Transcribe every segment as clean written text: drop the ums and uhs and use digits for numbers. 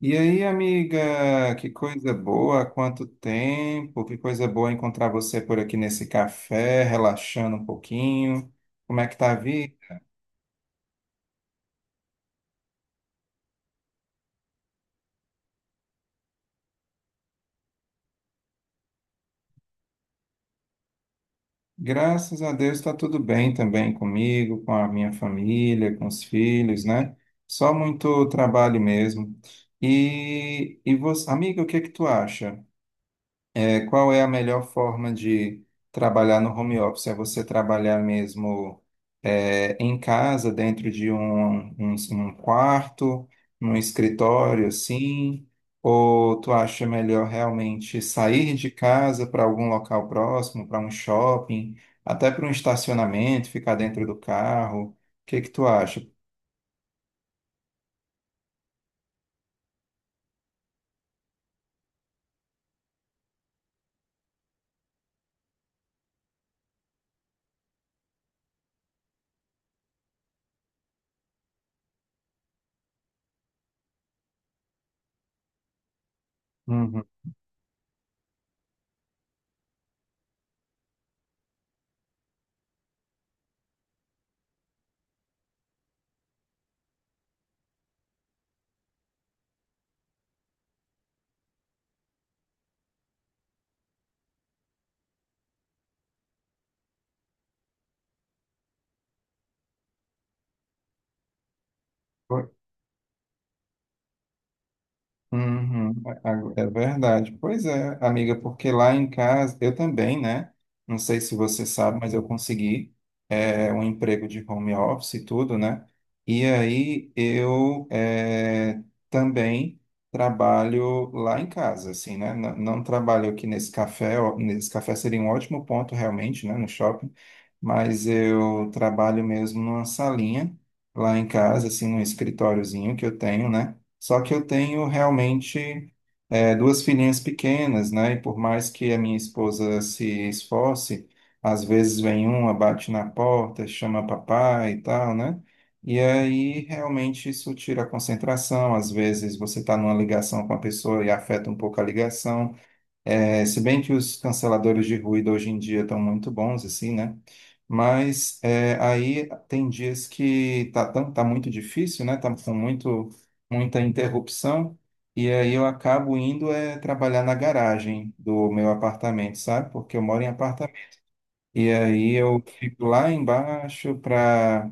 E aí, amiga, que coisa boa, há quanto tempo, que coisa boa encontrar você por aqui nesse café, relaxando um pouquinho. Como é que tá a vida? Graças a Deus está tudo bem também comigo, com a minha família, com os filhos, né? Só muito trabalho mesmo. E você, amiga, o que é que tu acha? Qual é a melhor forma de trabalhar no home office? É você trabalhar mesmo em casa, dentro de um quarto, num escritório, assim? Ou tu acha melhor realmente sair de casa para algum local próximo, para um shopping, até para um estacionamento, ficar dentro do carro? O que que tu acha? Uhum. Uhum, é verdade. Pois é, amiga, porque lá em casa, eu também, né? Não sei se você sabe, mas eu consegui um emprego de home office e tudo, né? E aí eu também trabalho lá em casa, assim, né? Não, não trabalho aqui nesse café, ó, nesse café seria um ótimo ponto realmente, né? No shopping, mas eu trabalho mesmo numa salinha lá em casa, assim, num escritóriozinho que eu tenho, né? Só que eu tenho realmente duas filhinhas pequenas, né? E por mais que a minha esposa se esforce, às vezes vem uma, bate na porta, chama papai e tal, né? E aí realmente isso tira a concentração. Às vezes você está numa ligação com a pessoa e afeta um pouco a ligação. É, se bem que os canceladores de ruído hoje em dia estão muito bons, assim, né? Mas aí tem dias que tá muito difícil, né? Tá com muita interrupção. E aí eu acabo indo trabalhar na garagem do meu apartamento, sabe? Porque eu moro em apartamento. E aí eu fico lá embaixo para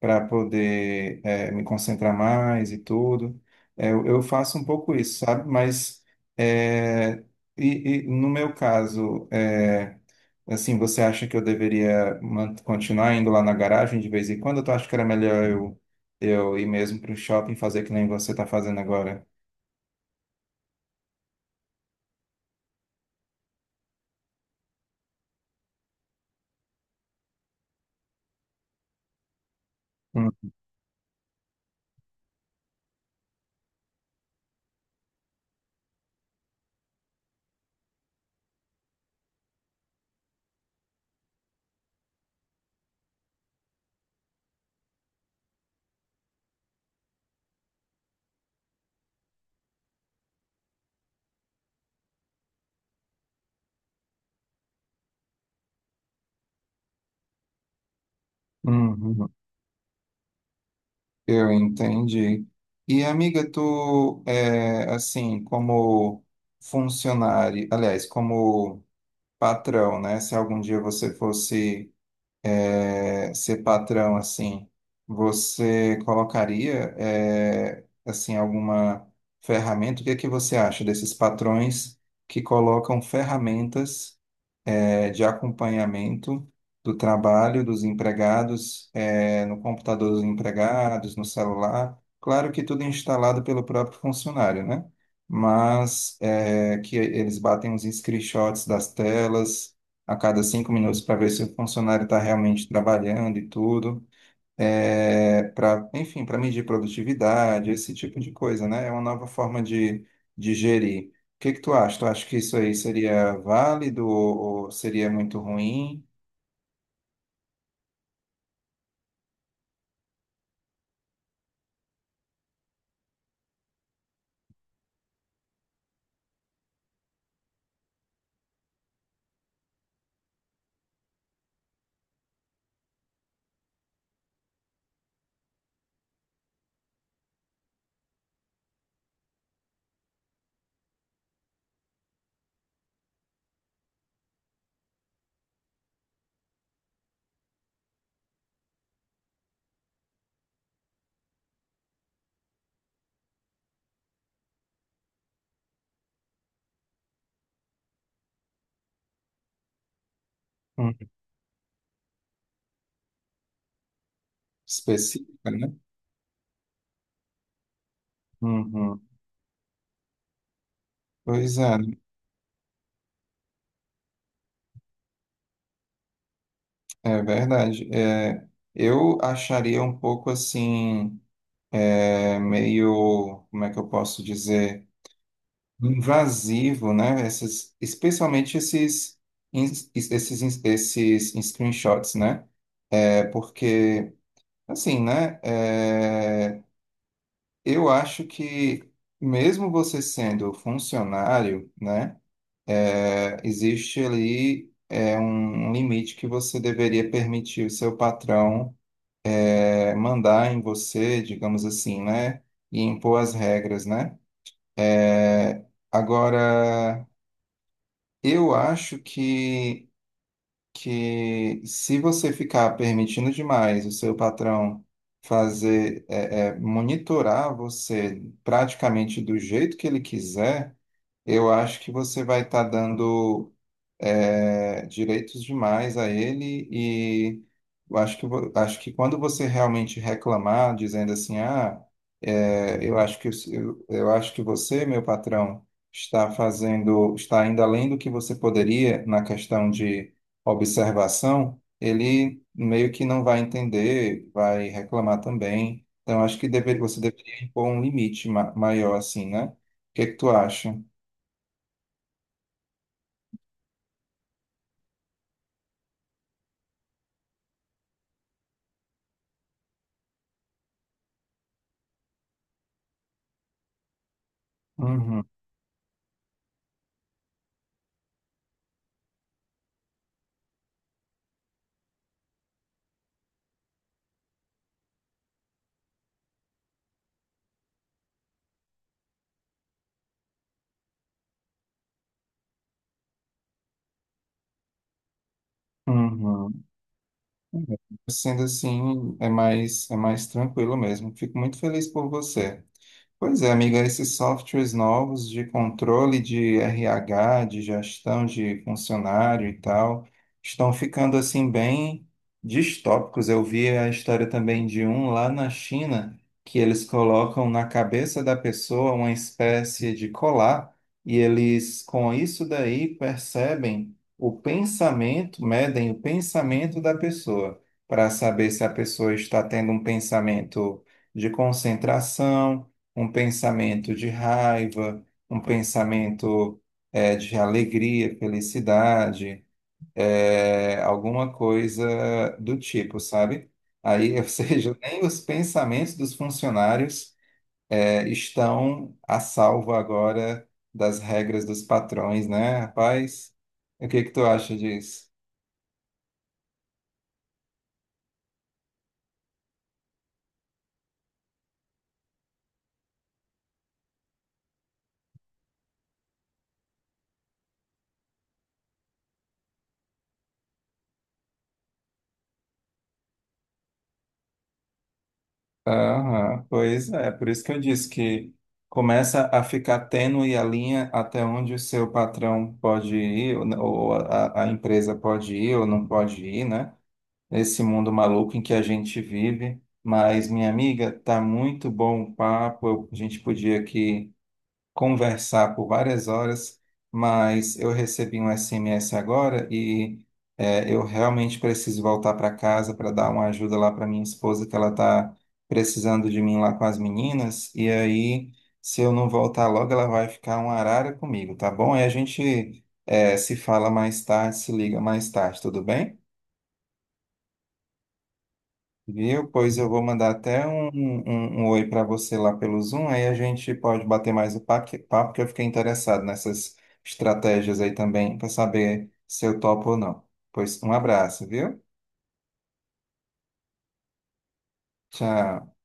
para poder me concentrar mais e tudo. Eu faço um pouco isso, sabe? Mas eh, e no meu caso, assim, você acha que eu deveria continuar indo lá na garagem de vez em quando? Tu acha que era melhor eu ir mesmo para o shopping fazer que nem você está fazendo agora? Hum, uhum. Eu entendi. E amiga, tu é assim, como funcionário, aliás, como patrão, né? Se algum dia você fosse ser patrão assim, você colocaria assim alguma ferramenta? O que é que você acha desses patrões que colocam ferramentas, de acompanhamento do trabalho dos empregados, no computador dos empregados, no celular. Claro que tudo é instalado pelo próprio funcionário, né? Mas que eles batem uns screenshots das telas a cada 5 minutos para ver se o funcionário está realmente trabalhando e tudo para, enfim, para medir produtividade, esse tipo de coisa, né? É uma nova forma de gerir. O que que tu acha? Tu acha que isso aí seria válido ou seria muito ruim? Hum. Específica, né? Uhum. Pois é, é verdade. É, eu acharia um pouco assim, meio, como é que eu posso dizer? Invasivo, né? Essas, especialmente esses, esses screenshots, né? É, porque, assim, né? É, eu acho que mesmo você sendo funcionário, né? É, existe ali um limite que você deveria permitir o seu patrão mandar em você, digamos assim, né? E impor as regras, né? É, agora eu acho que se você ficar permitindo demais o seu patrão fazer, monitorar você praticamente do jeito que ele quiser, eu acho que você vai estar dando direitos demais a ele e eu acho que quando você realmente reclamar, dizendo assim, ah, eu acho que você, meu patrão, está fazendo, está indo além do que você poderia na questão de observação, ele meio que não vai entender, vai reclamar também. Então, você deveria impor um limite maior, assim, né? O que que tu acha? Uhum, uhum. Sendo assim, é mais tranquilo mesmo. Fico muito feliz por você. Pois é, amiga, esses softwares novos de controle de RH, de gestão de funcionário e tal, estão ficando assim bem distópicos. Eu vi a história também de um lá na China, que eles colocam na cabeça da pessoa uma espécie de colar, e eles com isso daí percebem o pensamento, medem o pensamento da pessoa, para saber se a pessoa está tendo um pensamento de concentração, um pensamento de raiva, um pensamento de alegria, felicidade, alguma coisa do tipo, sabe? Aí, ou seja, nem os pensamentos dos funcionários estão a salvo agora das regras dos patrões, né, rapaz? O que que tu acha disso? Aham, pois é, por isso que eu disse que começa a ficar tênue a linha até onde o seu patrão pode ir, ou né, ou a empresa pode ir ou não pode ir, né? Esse mundo maluco em que a gente vive. Mas, minha amiga, tá muito bom o papo. A gente podia aqui conversar por várias horas, mas eu recebi um SMS agora e eu realmente preciso voltar para casa para dar uma ajuda lá para minha esposa, que ela está precisando de mim lá com as meninas. E aí, se eu não voltar logo, ela vai ficar uma arara comigo, tá bom? E a gente se fala mais tarde, se liga mais tarde, tudo bem? Viu? Pois eu vou mandar até um oi para você lá pelo Zoom, aí a gente pode bater mais o papo, porque eu fiquei interessado nessas estratégias aí também, para saber se eu topo ou não. Pois um abraço, viu? Tchau.